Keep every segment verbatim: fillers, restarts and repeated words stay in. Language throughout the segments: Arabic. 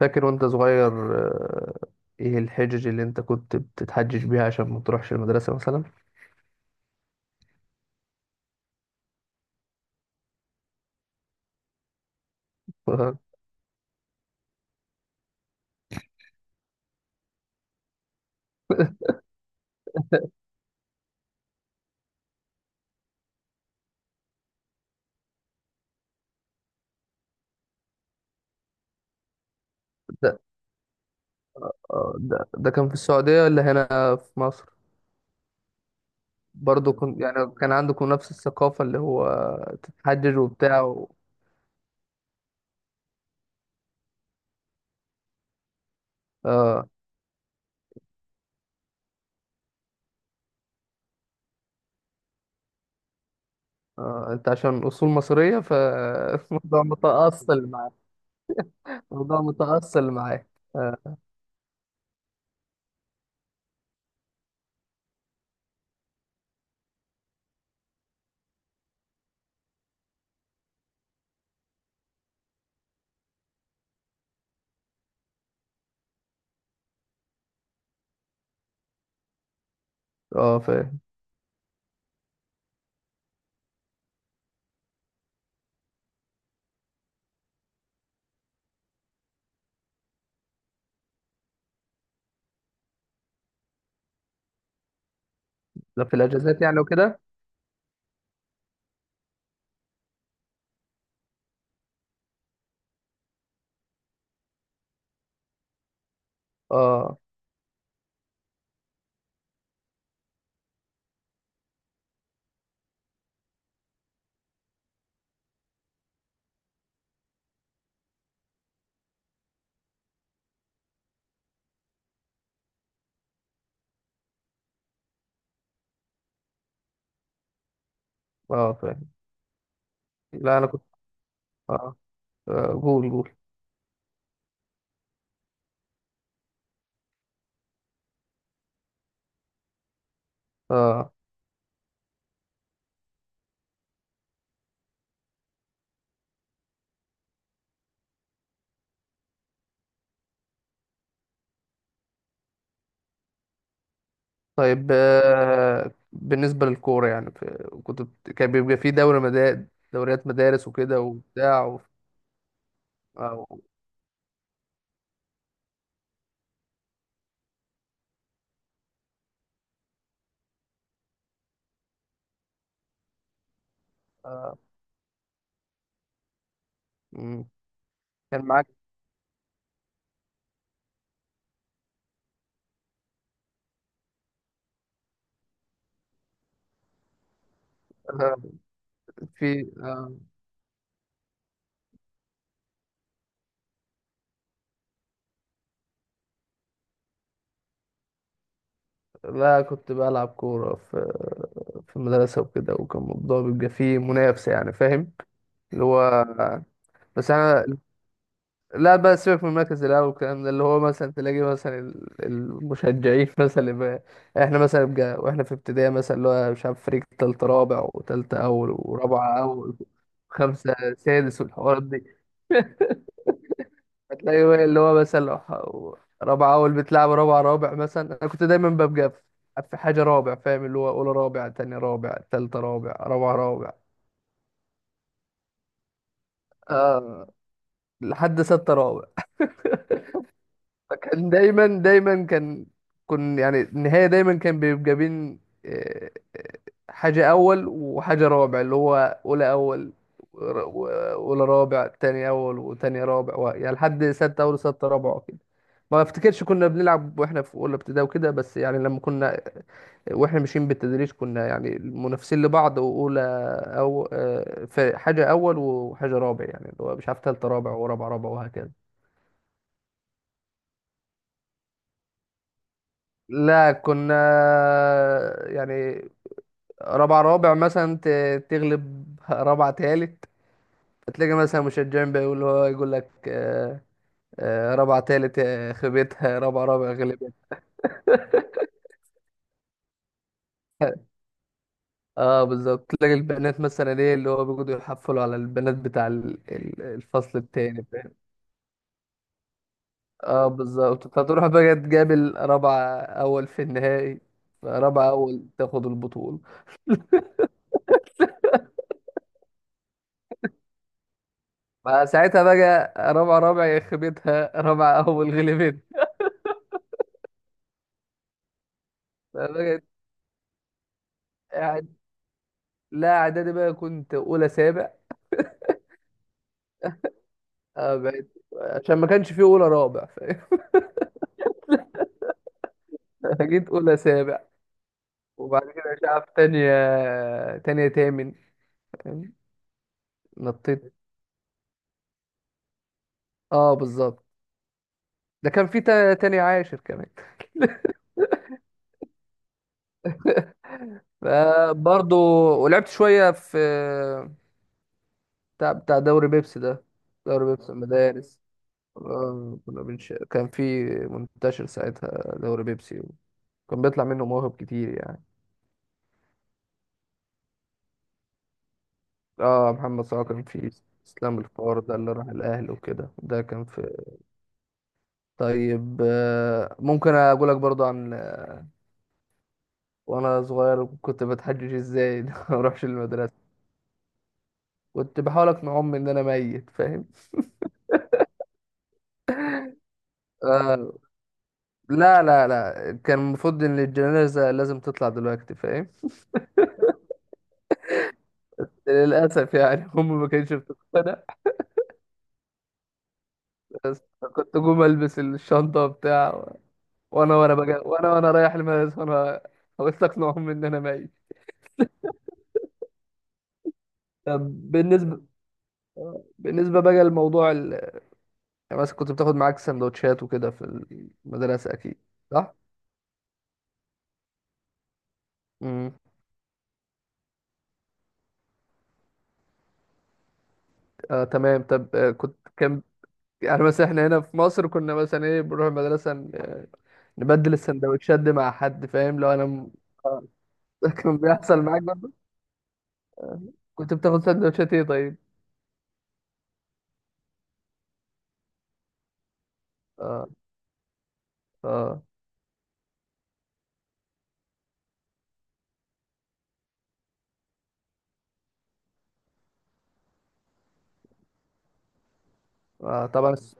فاكر وانت صغير؟ آه، ايه الحجج اللي انت كنت بتتحجج بيها عشان ما تروحش المدرسة مثلا؟ ده, آه، ده ده كان في السعودية ولا هنا في مصر؟ برضو كنت يعني كان عندكم نفس الثقافة اللي هو تتحجج وبتاع و... آه. آه انت عشان اصول مصرية فالموضوع متأصل معاك. الموضوع متأصل معاك. اه، آه، فاهم. ده في الاجازات يعني وكده. اه اه، فاهم. لا انا كنت. اه. آه، قول قول. اه، طيب، آه، بالنسبة للكورة يعني، في- كنت بت- كان بيبقى في دوري مدارس، دوريات مدارس وكده وبتاع و... أو... آه، مم. كان معاك آه، في آه، لا كنت بلعب كورة في في المدرسة وكده، وكان الموضوع بيبقى فيه منافسة، يعني فاهم؟ اللي هو بس أنا، لا بقى سيبك من المركز الاول والكلام ده، اللي هو مثلا تلاقي مثلا ال- المشجعين مثلا اللي بقى احنا مثلا بقى واحنا في ابتدائي مثلا، اللي هو مش عارف فريق تالت رابع وتالتة اول ورابعة اول خمسة سادس والحوارات دي. هتلاقي بقى اللي هو مثلا لو ح- رابعة اول بتلعب رابعة رابع مثلا، انا كنت دايما ببقى في في حاجة رابع، فاهم؟ اللي هو اولى رابع، تاني رابع، تالتة رابع، رابعة رابع، آه لحد ستة رابع. فكان دايما دايما كان، كن يعني النهاية دايما كان بيبقى بين آه، آه، حاجة أول وحاجة رابع، اللي هو أولى أول ور- و- أولى رابع، تاني أول وتاني رابع و- يعني لحد ستة أول وستة رابع وكده. ما افتكرش كنا بنلعب واحنا في اولى ابتدائي وكده، بس يعني لما كنا واحنا ماشيين بالتدريج كنا يعني منافسين لبعض، واولى او آه، في حاجه اول وحاجه رابع يعني، اللي هو مش عارف تالته رابع ورابع رابع وهكذا. لا كنا يعني رابع رابع مثلا ت- تغلب رابع تالت، تلاقي مثلا مشجعين بيقول، هو يقول لك آه، آه، رابع تالت آه، خيبتها، رابع رابع غلبت. اه بالظبط، تلاقي البنات مثلا، ايه اللي هو بيقعدوا يحفلوا على البنات بتاع ال- ال- الفصل التاني، فاهم؟ اه بالظبط، فتروح بقى تقابل رابعة اول في النهائي، رابعة اول تاخد البطولة. فساعتها بقى رابعة رابع يخبطها، رابعة اول غلبت. فبقت قاعد. لا اعدادي بقى كنت اولى سابع. اه بقيت عشان ما كانش فيه اولى رابع، فاهم؟ جيت اولى سابع. وبعد كده مش عارف، تانية، تانية تامن، فاهم؟ نطيت. اه بالظبط. ده كان في تا- تانية عاشر كمان. فبرضه ولعبت شوية في بتاع بتاع دوري بيبسي ده، دوري بيبسي المدارس. آه، كنا بنش... كان في منتشر ساعتها دوري بيبسي، وكان بيطلع منه مواهب كتير يعني. اه محمد صلاح كان في، اسلام الفار ده اللي راح الاهلي وكده ده كان في. طيب آه، ممكن اقول لك برضو عن وانا صغير كنت بتحجج ازاي إن أنا ما اروحش المدرسه. كنت بحاول اقنع امي ان انا ميت، فاهم؟ آه. لا لا لا، كان المفروض ان الجنازه لازم تطلع دلوقتي، فاهم؟ للاسف يعني امي ما كانتش بتقتنع. بس كنت اقوم البس الشنطه بتاع، وانا وانا بجا، وانا وانا رايح المدرسه، وانا حاولت اقنع امي ان انا ميت. طب بالنسبه بالنسبة بقى لموضوع ال... يعني مثلا كنت بتاخد معاك سندوتشات وكده في المدرسة أكيد، صح؟ امم. آه تمام. طب آه، كنت كان يعني مثلا احنا هنا في مصر كنا مثلا ايه بنروح المدرسة، ن- آه، نبدل السندوتشات دي مع حد، فاهم؟ لو انا م... آه. كان بيحصل معاك برضه، كنت بتاخد سندوتشات ايه طيب؟ اه، اه, آه طبعا الس-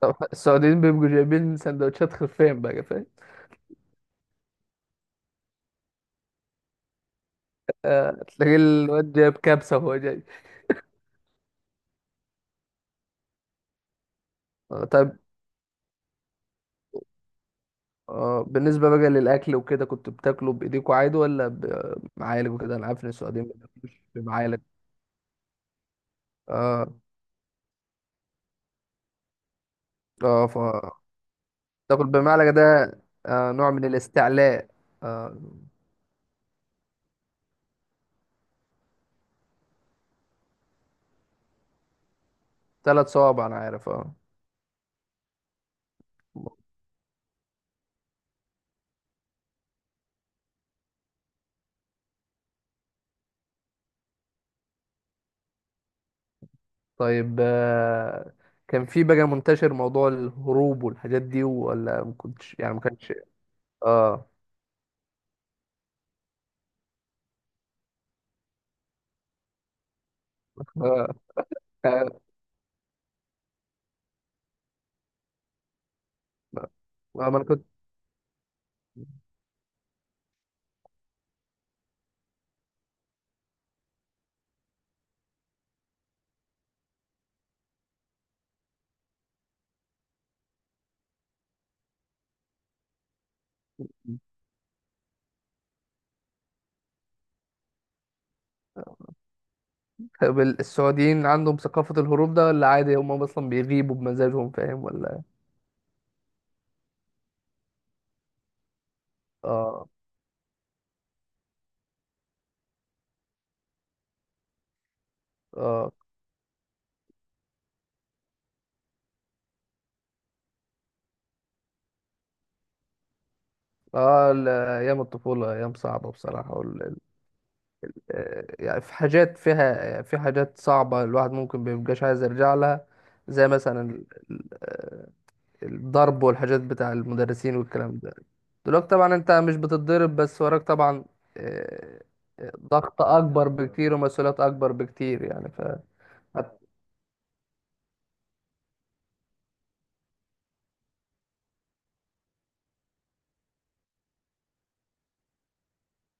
طبعاً السعوديين بيبقوا جايبين سندوتشات خفين بقى، فاهم؟ آه تلاقي الواد جايب كبسة وهو جاي. آه طيب. اه بالنسبة بقى للأكل وكده، كنت بتاكله بإيديكوا عادي ولا بمعالج وكده؟ أنا عارف إن السعوديين ما بياكلوش بمعالج. اه، اه ف تاكل بمعلقة ده آه نوع من الاستعلاء. آه، ثلاث صوابع أنا عارف، اه. طيب آه، كان في بقى منتشر موضوع الهروب والحاجات دي، ولا ما كنتش يعني ما كانش... اه، اه، آه، ما أنا كنت. طب السعوديين عندهم ثقافة الهروب ده ولا عادي، هم أصلا بيغيبوا بمزاجهم فاهم ولا؟ اه. اه. اه، ال- ايام الطفوله ايام صعبه بصراحه، وال... ال- آه، يعني في حاجات فيها، في حاجات صعبه الواحد ممكن مبيبقاش عايز يرجع لها، زي مثلا ال- ال- آه، الضرب والحاجات بتاع المدرسين والكلام ده. دلوقتي طبعا انت مش بتتضرب، بس وراك طبعا آه، آه، ضغط اكبر بكتير ومسؤوليات اكبر بكتير يعني ف حت-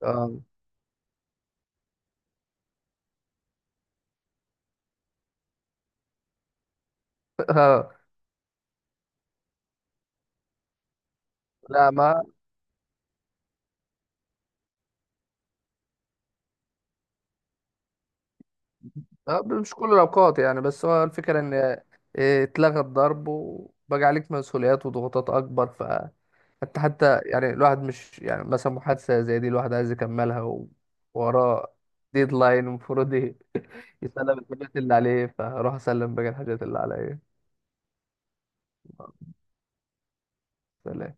اه. آه. لا ما آه، مش كل الأوقات يعني، بس هو الفكرة إن آه، اتلغى الضرب وبقى عليك مسؤوليات وضغوطات أكبر، فأنت حتى يعني الواحد مش يعني مثلا محادثة زي دي الواحد عايز يكملها، ووراه ديدلاين المفروض يسلم الحاجات اللي عليه، فأروح أسلم باقي الحاجات اللي عليا. سلام.